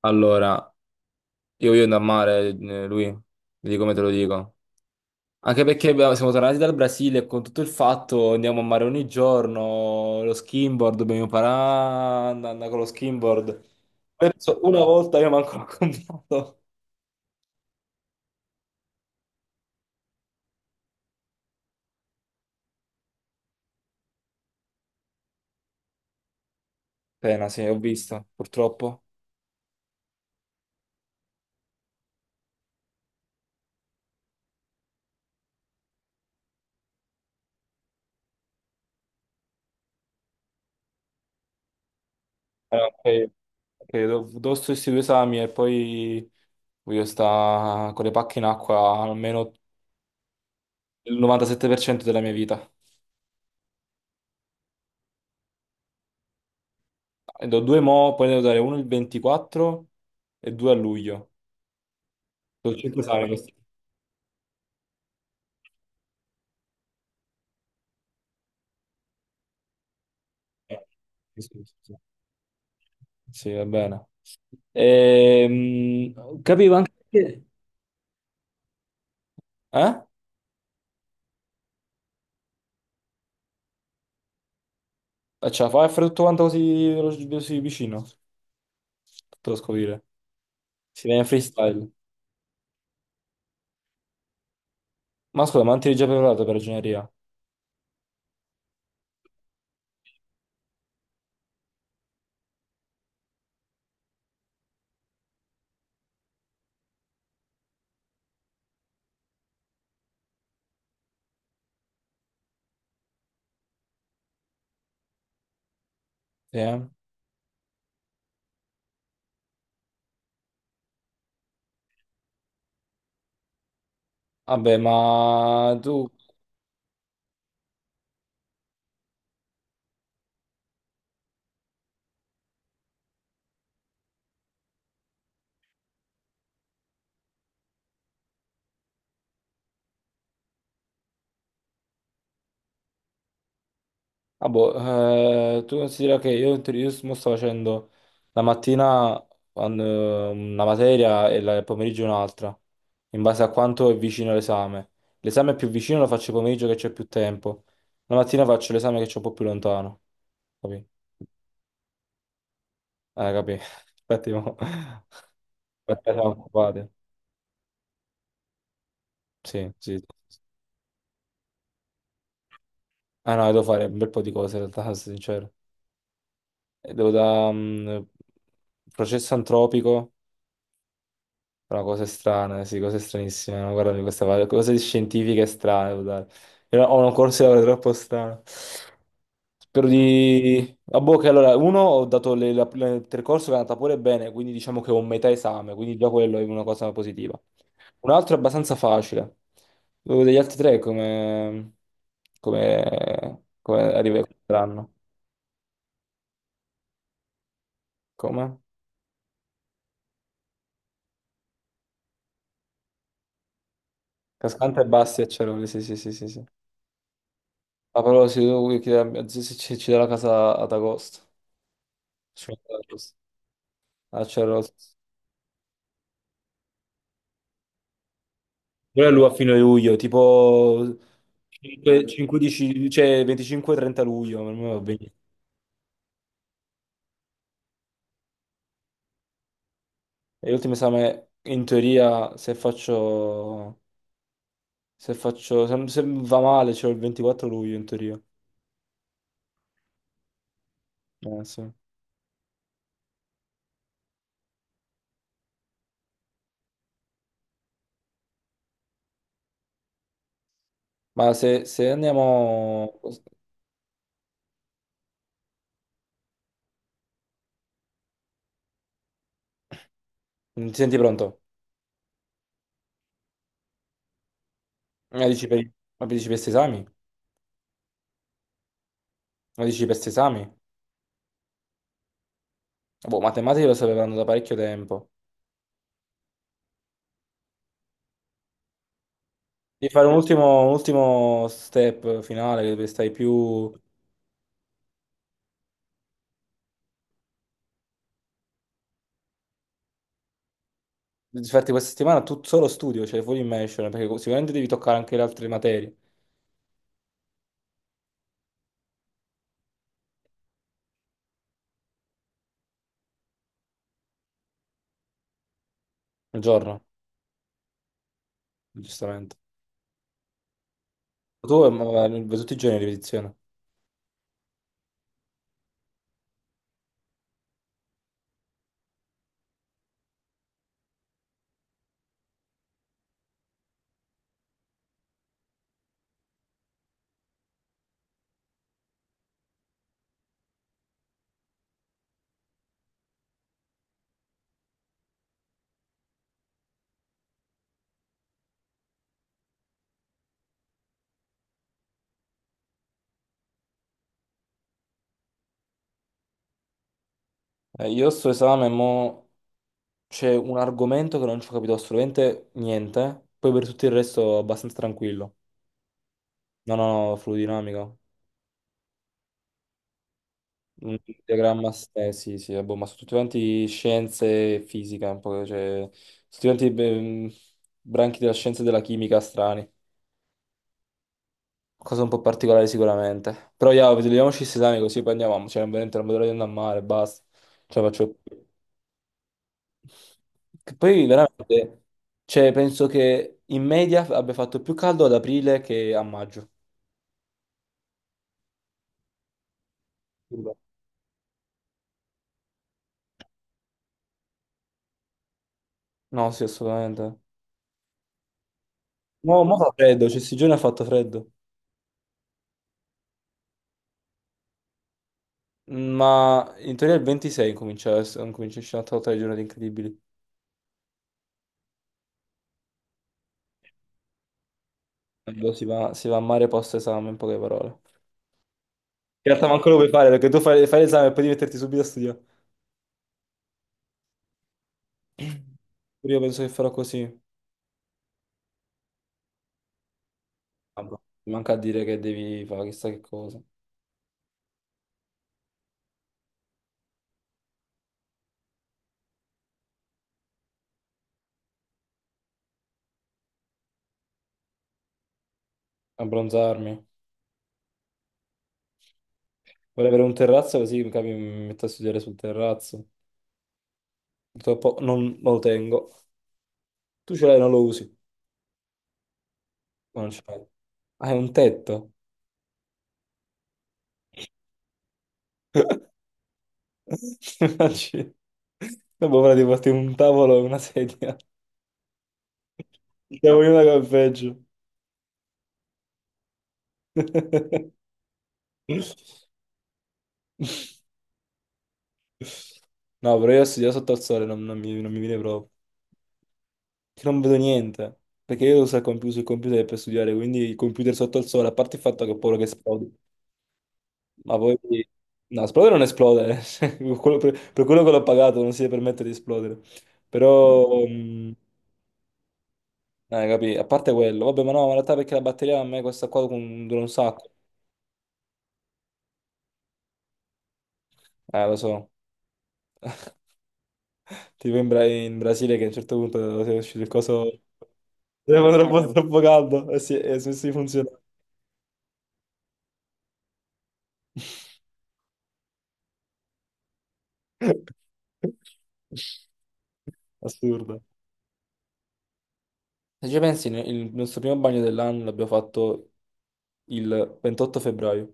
Allora, io voglio andare a mare, lui, vedi come te lo dico. Anche perché abbiamo- siamo tornati dal Brasile e con tutto il fatto andiamo a mare ogni giorno, lo skimboard, dobbiamo imparare ad andare con lo skimboard. Penso una volta io manco l'ho comprato. Pena, sì, ho visto, purtroppo. Ok, ok, do sto questi due esami e poi voglio stare con le pacche in acqua almeno il 97% della mia vita. Ne do due mo, poi ne devo dare uno il 24 e due a luglio. Sono cinque esami Madonna. Questi. Eh, Sì, sì, sì. Sì, va bene. Capivo anche che... eh? Ce la fai a fare tutto quanto così, velo- così vicino? Tutto da scoprire. Si viene freestyle. Ma scusa, ma non ti eri già preparato per ragioneria? Sì, eh? Vabbè, ma tu ah boh, tu considera che io, in teoria- io mo sto facendo la mattina quando- una materia e la- il pomeriggio un'altra, in base a quanto è vicino l'esame. L'esame più vicino lo faccio il pomeriggio che c'è più tempo, la mattina faccio l'esame che c'è un po' più lontano. Capì? Capì? Infatti, mo- perché siamo occupati. Sì, sì, sì, sì. Ah no, devo fare un bel po' di cose in realtà, sono sincero. E devo da processo antropico. Però cose strane, sì, cose stranissime. No? Guardami questa parte, cose scientifiche strane, guarda. Io ho un corso di laurea troppo strano. Spero di... A bocca, allora, uno, ho dato le- la- la- il percorso che è andata pure bene, quindi diciamo che ho un metà esame, quindi già quello è una cosa positiva. Un altro è abbastanza facile. Dove degli altri tre come... come... come arriveranno? Come? Cascante e Basti e Ceroli, sì, sì, sì, sì, sì. Ma però se, devo chiedere a mia zia se ci, ci dà la casa ad agosto. Sfondacci. Acerrosso. Quello è lui a fine luglio, tipo 5, 15, cioè 25-30 luglio, per me va bene. E l'ultimo esame, in teoria, se faccio, se faccio, se, se va male, c'è il 24 luglio, in teoria. Sì. Ma se, se andiamo... Ti senti pronto? Ma dici per, ma dici per questi esami? Ma dici per questi esami? Boh, matematica lo sapevano da parecchio tempo. Devi fare un ultimo step finale, che stai più... Infatti questa settimana tu solo studio, cioè full immersion, perché sicuramente devi toccare anche le altre materie nel giorno, giustamente. Tu ma- tutti i giorni di ripetizione. Io sto esame, mo c'è un argomento che non ci ho capito assolutamente niente, poi per tutto il resto abbastanza tranquillo. No, no, no, fluidinamica. Un diagramma, s- sì, sì, vabbè, ma sono tutti quanti scienze e fisica, un po', cioè, sono tutti quanti beh, branchi della scienza e della chimica strani. Cosa un po' particolare sicuramente. Però io vediamoci questi esami così poi andiamo. Cioè, veramente non vedo l'ora di andare a mare, basta. Ce la faccio più. Che poi veramente, cioè, penso che in media abbia fatto più caldo ad aprile che a maggio. No, sì, assolutamente. No, ma fa freddo, cioè, questi giorni ha fatto freddo. Ma in teoria il 26 comincia a essere una totale di giornate incredibili. Allora si va, si va a mare post esame, in poche parole. In realtà manco lo puoi fare perché tu fai, fai l'esame e poi devi metterti subito a studiare. Io penso che farò così. Ah, boh. Mi manca a dire che devi fare chissà che cosa. Abbronzarmi. Vorrei avere un terrazzo così mi capi, mi metto a studiare sul terrazzo. Purtroppo non lo tengo. Tu ce l'hai, non lo usi. Ma non ce l'hai. Hai un tetto. Immagini. Dopo ora di porti un tavolo e una sedia. Siamo in una che è peggio. No, però io studiare sotto al sole non, non mi, non mi viene proprio. Che non vedo niente, perché io devo usare il computer per studiare, quindi il computer sotto al sole, a parte il fatto che ho paura che esplode, ma poi... No, esplodere non esplode, cioè, quello- per quello che l'ho pagato non si deve permettere di esplodere, però... capì, a parte quello, vabbè, ma no, ma in realtà perché la batteria a me questa qua con- dura un sacco, lo so, tipo in, Bra- in Brasile che a un certo punto è uscito il coso... Era troppo caldo, e si funziona. Assurdo. Se ci pensi, ne- il nostro primo bagno dell'anno l'abbiamo fatto il 28 febbraio.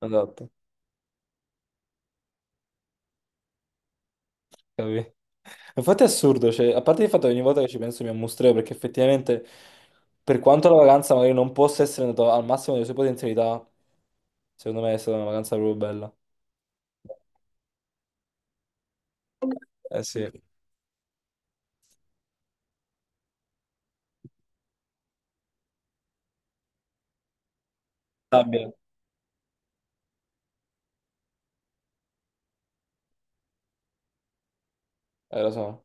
Esatto, capì? Infatti è assurdo, cioè, a parte il fatto che ogni volta che ci penso mi ammustreo, perché effettivamente, per quanto la vacanza magari non possa essere andata al massimo delle sue potenzialità, secondo me è stata una vacanza proprio bella. Eh sì. Sabbia, lo so.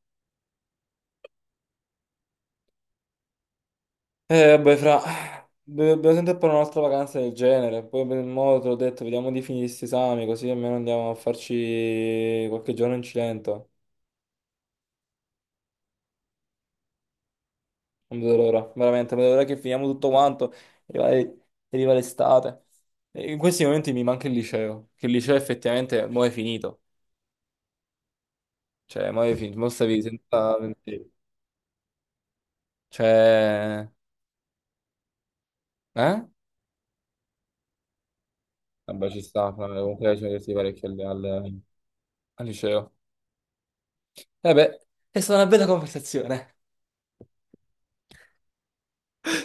Vabbè, fra... do- Dobbiamo sempre fare un'altra vacanza del genere. Poi per il modo te l'ho detto, vediamo di finire questi esami, così almeno andiamo a farci qualche giorno in Cilento. Non vedo l'ora, veramente, non vedo l'ora che finiamo tutto quanto e arriva l'estate. E in questi momenti mi manca il liceo, che il liceo effettivamente mo è finito. Cioè, mo è finito, mo stavi senza... ventire. Cioè... Eh? Vabbè, ci sta, fra, comunque ci diversi parecchio al, al al liceo. Vabbè, è stata una bella conversazione.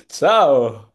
Ciao!